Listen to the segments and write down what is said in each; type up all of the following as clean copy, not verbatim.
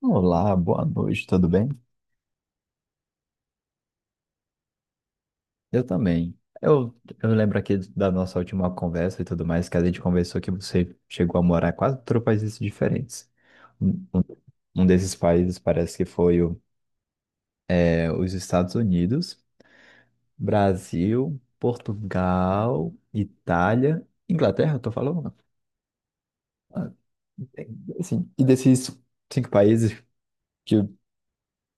Olá, boa noite, tudo bem? Eu também. Eu, eu lembro aqui da nossa última conversa e tudo mais, que a gente conversou que você chegou a morar em quase três países diferentes. Um, um- um desses países parece que foi os Estados Unidos, Brasil, Portugal, Itália, Inglaterra, eu tô falando? Assim, e desses cinco países,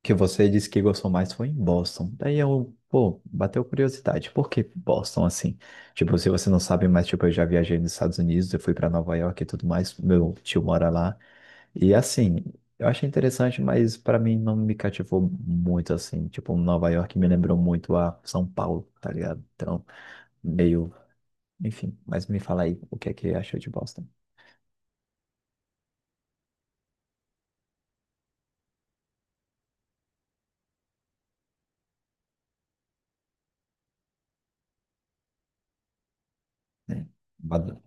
que você disse que gostou mais foi em Boston. Daí eu, pô, bateu curiosidade. Por que Boston assim? Tipo, se você não sabe, mas tipo, eu já viajei nos Estados Unidos, eu fui para Nova York e tudo mais. Meu tio mora lá. E assim, eu achei interessante, mas para mim não me cativou muito assim. Tipo, Nova York me lembrou muito a São Paulo, tá ligado? Então, meio, enfim, mas me fala aí o que é que achou de Boston, né? Bad-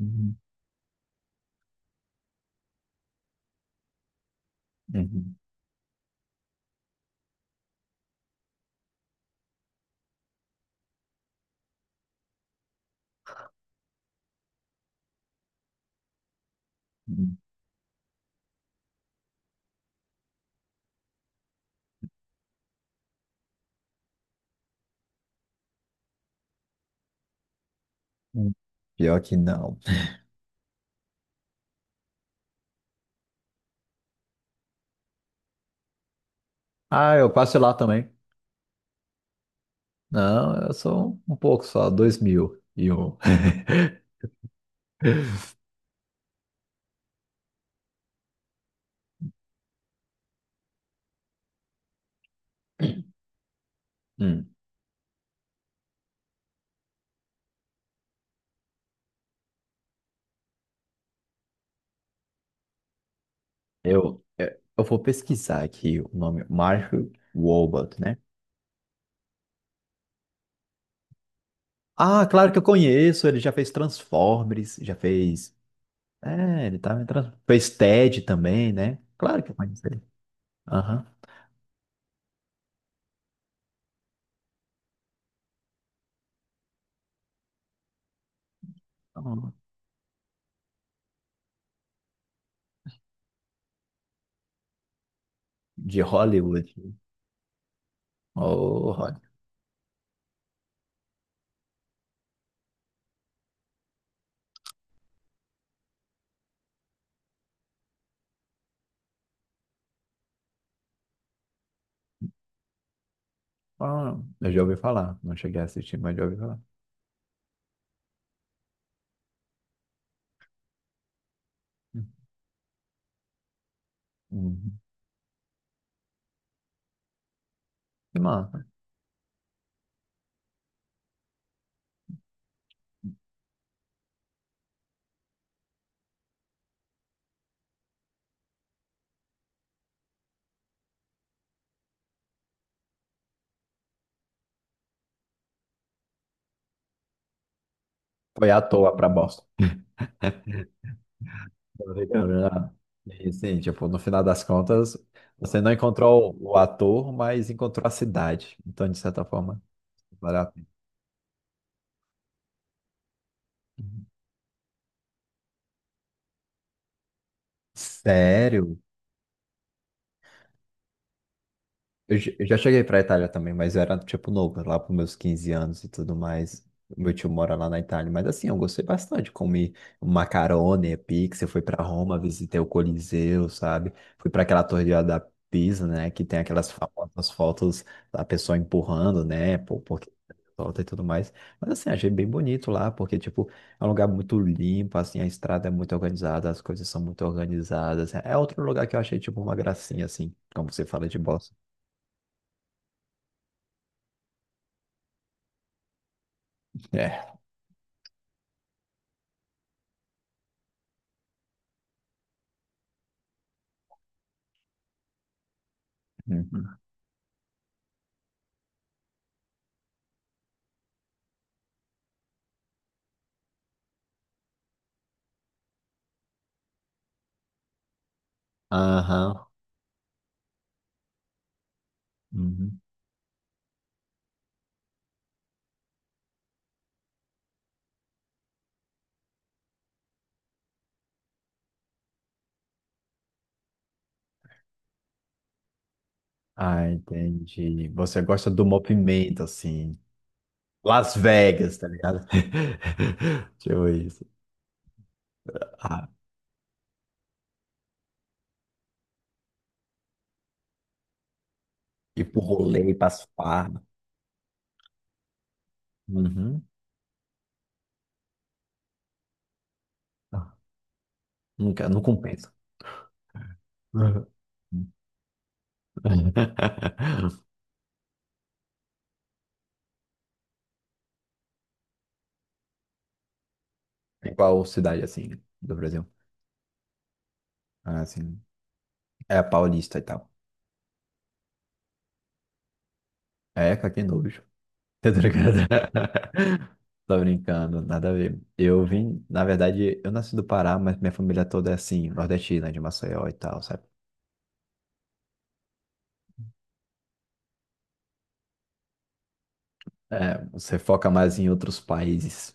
Uhum, uhum, uhum, uhum. Pior que não. Ah, eu passo lá também. Não, eu sou um pouco só, 2001. Hum. Eu vou pesquisar aqui o nome, Mark Wahlberg, né? Ah, claro que eu conheço, ele já fez Transformers, já fez. É, ele tá, fez TED também, né? Claro que eu conheço ele. Aham. Então, de Hollywood. Oh, Hollywood. Ah, eu já ouvi falar, não cheguei a assistir, mas já ouvi falar. Hum, Uhum. Que massa. Foi à toa pra Boston. Tô, né? E sim, tipo, no final das contas, você não encontrou o ator, mas encontrou a cidade. Então, de certa forma, valeu a pena. Sério? Eu já cheguei pra Itália também, mas eu era, tipo, novo, lá pros meus 15 anos e tudo mais. Meu tio mora lá na Itália, mas assim, eu gostei bastante. Comi macarone, pizza, fui pra Roma, visitei o Coliseu, sabe? Fui pra aquela Torre da Pisa, né? Que tem aquelas famosas fotos da pessoa empurrando, né? Porque solta e tudo mais. Mas assim, achei bem bonito lá, porque, tipo, é um lugar muito limpo, assim, a estrada é muito organizada, as coisas são muito organizadas. É outro lugar que eu achei, tipo, uma gracinha, assim, como você fala de bossa. Uhum. Aham. Uhum. Ah, entendi. Você gosta do movimento, assim. Las Vegas, tá ligado? Tipo isso. Ah, ir pro rolê, pras farras. Uhum. Ah, nunca, não compensa. Uhum. Em qual cidade, assim, do Brasil? Ah, assim, é a Paulista e tal. É, que nojo. Tá ligado? Tô brincando, nada a ver. Eu vim, na verdade, eu nasci do Pará, mas minha família toda é assim, nordestina, de Maceió e tal, sabe? É, você foca mais em outros países.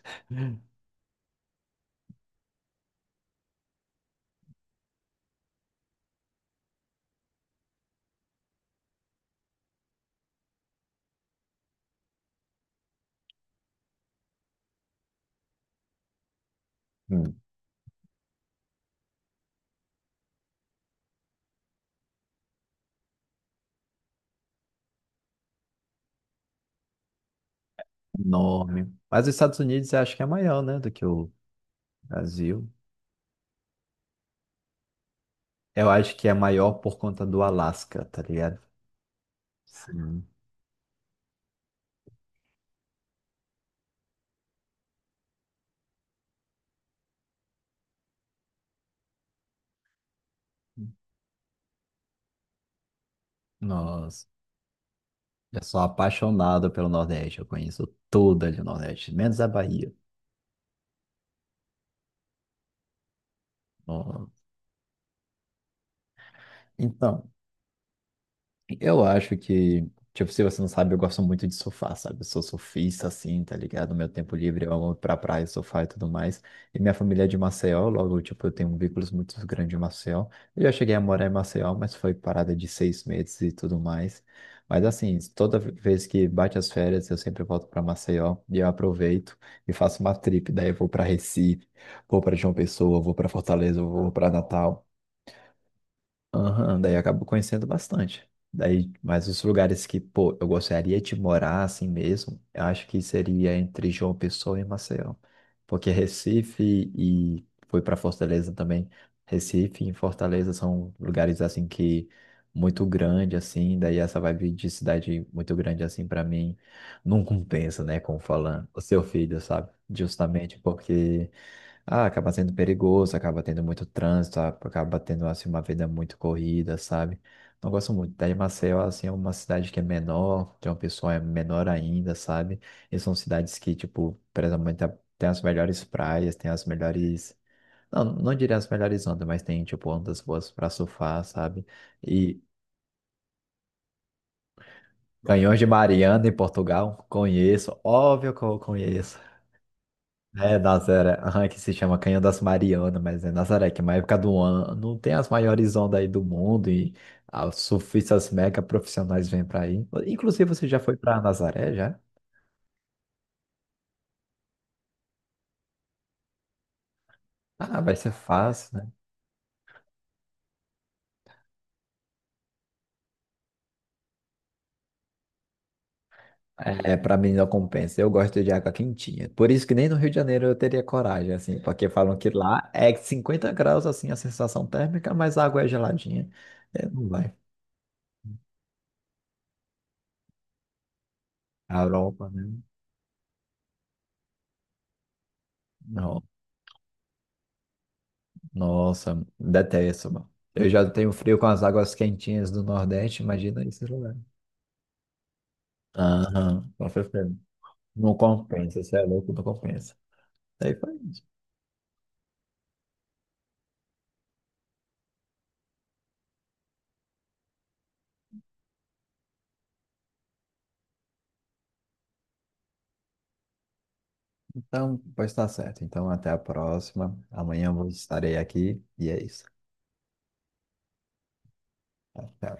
Hum. Enorme. Mas os Estados Unidos eu acho que é maior, né, do que o Brasil. Eu acho que é maior por conta do Alasca, tá ligado? Sim. Nossa, eu sou apaixonado pelo Nordeste, eu conheço tudo ali no Nordeste, menos a Bahia. Ó. Então, eu acho que, tipo, se você não sabe, eu gosto muito de surfar, sabe? Eu sou surfista, assim, tá ligado? Meu tempo livre, eu amo ir pra praia, surfar e tudo mais. E minha família é de Maceió, logo, tipo, eu tenho um vínculo muito grande em Maceió. Eu já cheguei a morar em Maceió, mas foi parada de 6 meses e tudo mais. Mas, assim, toda vez que bate as férias, eu sempre volto pra Maceió e eu aproveito e faço uma trip. Daí eu vou pra Recife, vou pra João Pessoa, vou pra Fortaleza, vou pra Natal. Aham, daí eu acabo conhecendo bastante. Daí, mas os lugares que, pô, eu gostaria de morar assim mesmo, eu acho que seria entre João Pessoa e Maceió. Porque Recife e fui para Fortaleza também. Recife e Fortaleza são lugares assim que muito grande assim, daí essa vibe de cidade muito grande assim para mim não compensa, né, como falando, o seu filho, sabe? Justamente porque ah, acaba sendo perigoso, acaba tendo muito trânsito, acaba tendo assim uma vida muito corrida, sabe? Não gosto muito. Daí Maceió assim é uma cidade que é menor, tem uma pessoa é menor ainda, sabe? E são cidades que tipo, presumente tem as melhores praias, tem as melhores, não, não diria as melhores ondas, mas tem tipo ondas boas para surfar, sabe? E Canhões de Mariana em Portugal, conheço, óbvio que eu conheço. É Nazaré, aham, que se chama Canhão das Marianas, mas é Nazaré, que é uma época do ano, tem as maiores ondas aí do mundo e os surfistas mega profissionais vêm pra aí. Inclusive, você já foi pra Nazaré, já? Ah, vai ser fácil, né? É, pra mim não compensa, eu gosto de água quentinha. Por isso que nem no Rio de Janeiro eu teria coragem, assim, porque falam que lá é 50 graus, assim, a sensação térmica, mas a água é geladinha. É, não vai. A Europa, né? Nossa, detesto, mano. Eu já tenho frio com as águas quentinhas do Nordeste, imagina esse lugar. Aham, com certeza. Não compensa, você é louco, não compensa. Daí foi isso. Então, pois tá certo. Então, até a próxima. Amanhã eu estarei aqui e é isso. Até.